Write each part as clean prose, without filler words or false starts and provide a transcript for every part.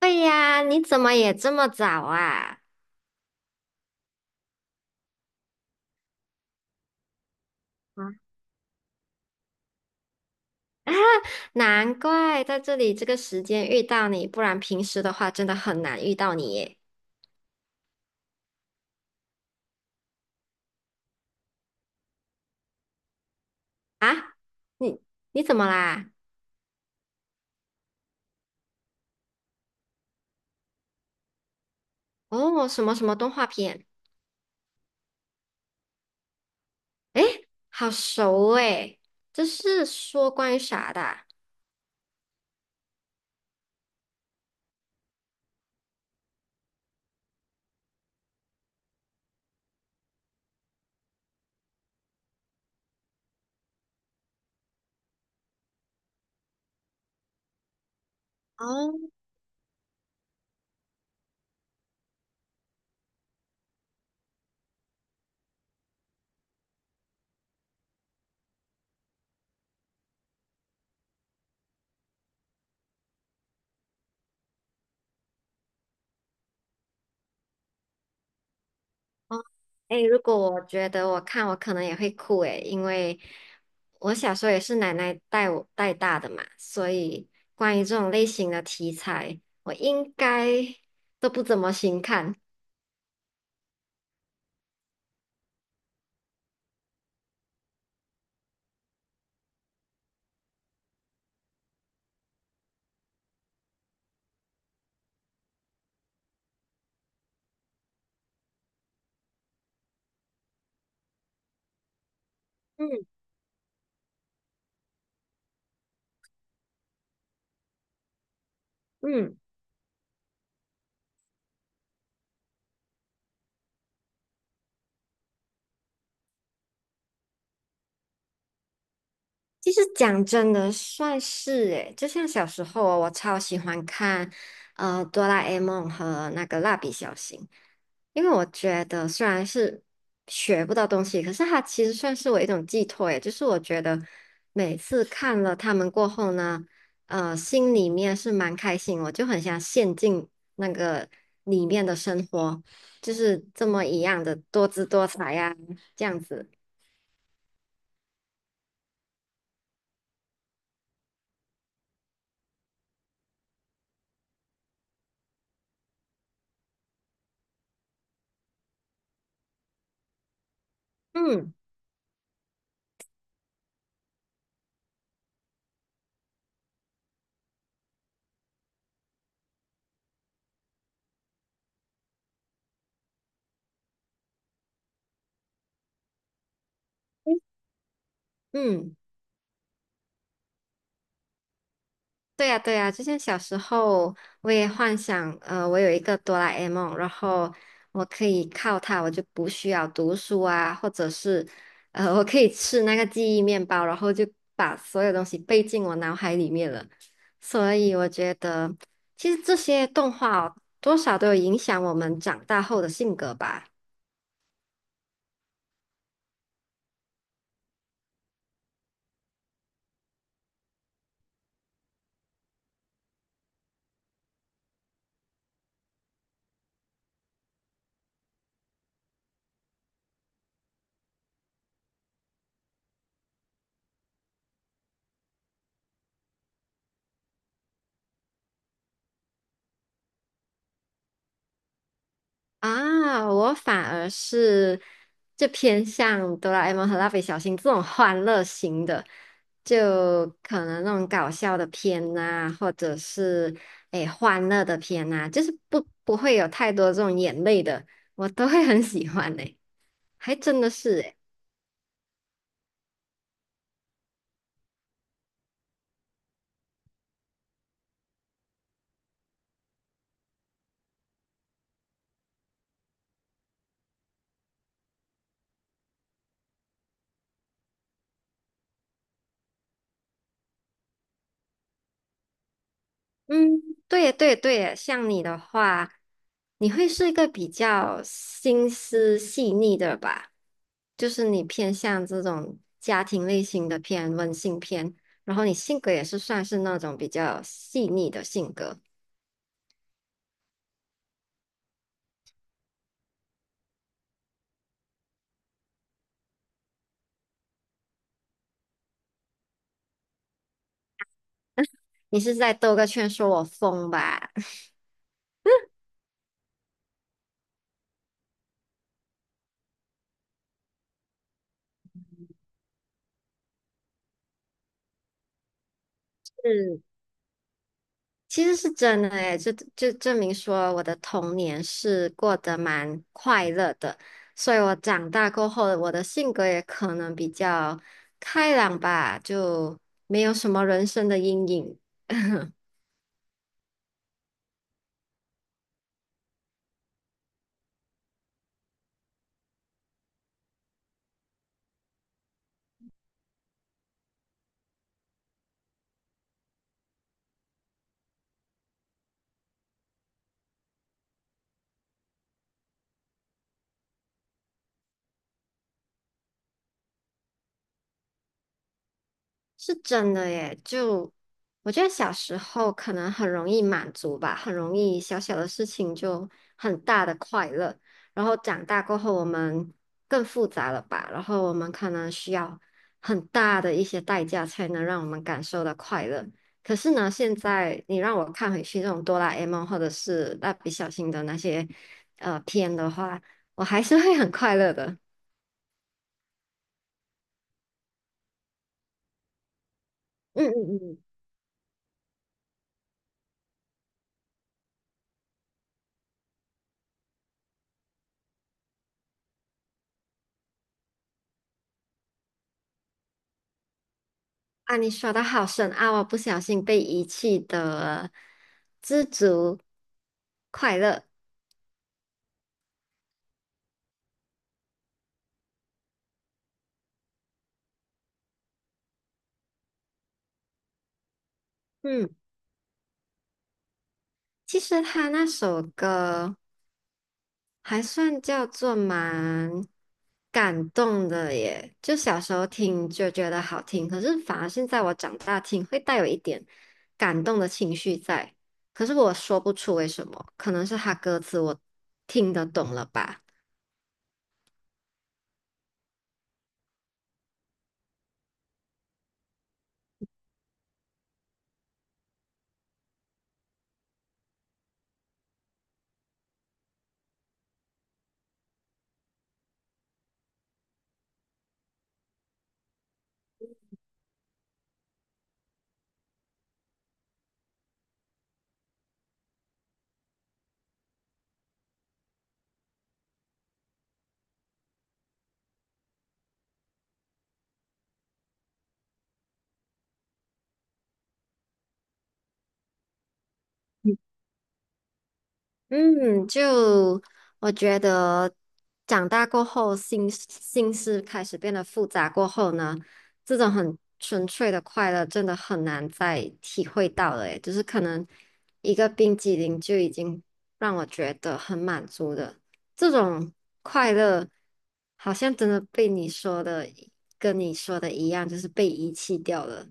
对呀，你怎么也这么早啊？啊，难怪在这里这个时间遇到你，不然平时的话真的很难遇到你耶。啊，你你怎么啦？哦，什么动画片？哎，好熟哎，这是说关于啥的哦哦哎，如果我觉得我看我可能也会哭诶，因为我小时候也是奶奶带我带大的嘛，所以关于这种类型的题材，我应该都不怎么行看。嗯嗯。其实讲真的，算是诶，就像小时候哦我超喜欢看哆啦 A 梦》和那个《蜡笔小新》，因为我觉得虽然是学不到东西，可是它其实算是我一种寄托诶，就是我觉得每次看了他们过后呢，心里面是蛮开心，我就很想陷进那个里面的生活，就是这么一样的多姿多彩呀、这样子，嗯嗯。对呀，对呀，之前小时候我也幻想，我有一个哆啦 A 梦，然后我可以靠它，我就不需要读书啊，或者是，我可以吃那个记忆面包，然后就把所有东西背进我脑海里面了。所以我觉得，其实这些动画哦多少都有影响我们长大后的性格吧。啊，我反而是就偏向哆啦 A 梦和蜡笔小新这种欢乐型的，就可能那种搞笑的片呐、或者是诶欢乐的片呐、就是不会有太多这种眼泪的，我都会很喜欢诶、还真的是诶、嗯，对呀，对呀，对，呀。像你的话，你会是一个比较心思细腻的吧？就是你偏向这种家庭类型的片、温馨片，然后你性格也是算是那种比较细腻的性格。你是在兜个圈说我疯吧？其实是真的诶，就证明说我的童年是过得蛮快乐的，所以我长大过后，我的性格也可能比较开朗吧，就没有什么人生的阴影。是真的耶，就我觉得小时候可能很容易满足吧，很容易小小的事情就很大的快乐。然后长大过后，我们更复杂了吧？然后我们可能需要很大的一些代价才能让我们感受到快乐。可是呢，现在你让我看回去这种哆啦 A 梦或者是蜡笔小新的那些片的话，我还是会很快乐的。嗯嗯嗯。啊，你说的好深奥啊，我不小心被遗弃的知足快乐。嗯，其实他那首歌还算叫做蛮感动的耶，就小时候听就觉得好听，可是反而现在我长大听会带有一点感动的情绪在，可是我说不出为什么，可能是他歌词我听得懂了吧。嗯，就我觉得长大过后，心思开始变得复杂过后呢，这种很纯粹的快乐真的很难再体会到了，诶，就是可能一个冰激凌就已经让我觉得很满足的，这种快乐好像真的被你说的跟你说的一样，就是被遗弃掉了。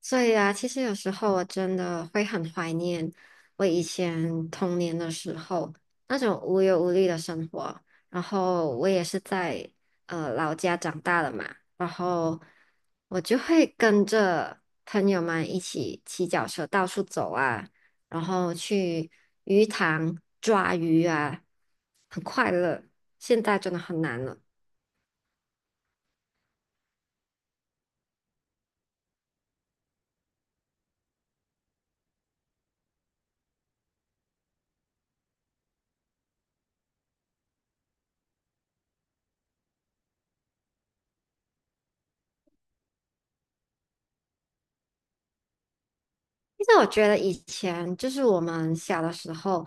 所以啊，其实有时候我真的会很怀念我以前童年的时候那种无忧无虑的生活。然后我也是在老家长大的嘛，然后我就会跟着朋友们一起骑脚车到处走啊，然后去鱼塘抓鱼啊，很快乐。现在真的很难了。其实我觉得以前就是我们小的时候，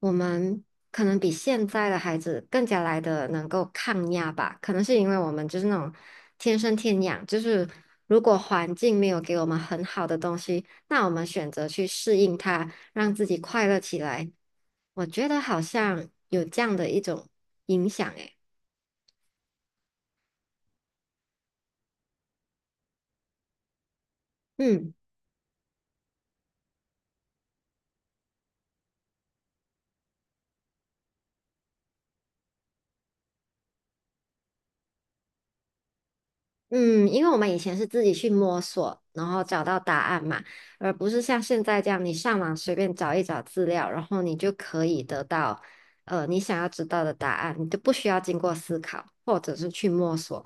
我们可能比现在的孩子更加来的能够抗压吧。可能是因为我们就是那种天生天养，就是如果环境没有给我们很好的东西，那我们选择去适应它，让自己快乐起来。我觉得好像有这样的一种影响，诶，嗯。嗯，因为我们以前是自己去摸索，然后找到答案嘛，而不是像现在这样，你上网随便找一找资料，然后你就可以得到，你想要知道的答案，你都不需要经过思考，或者是去摸索。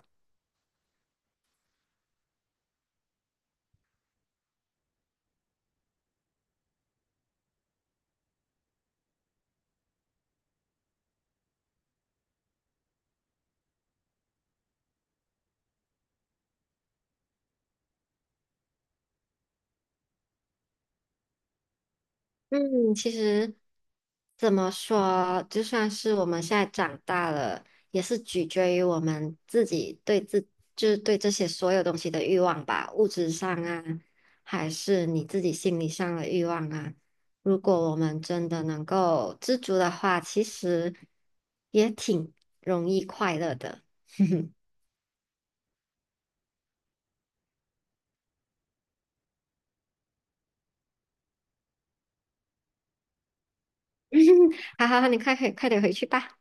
嗯，其实怎么说，就算是我们现在长大了，也是取决于我们自己对自，就是对这些所有东西的欲望吧，物质上啊，还是你自己心理上的欲望啊。如果我们真的能够知足的话，其实也挺容易快乐的。哼哼，好好好，你快快点回去吧。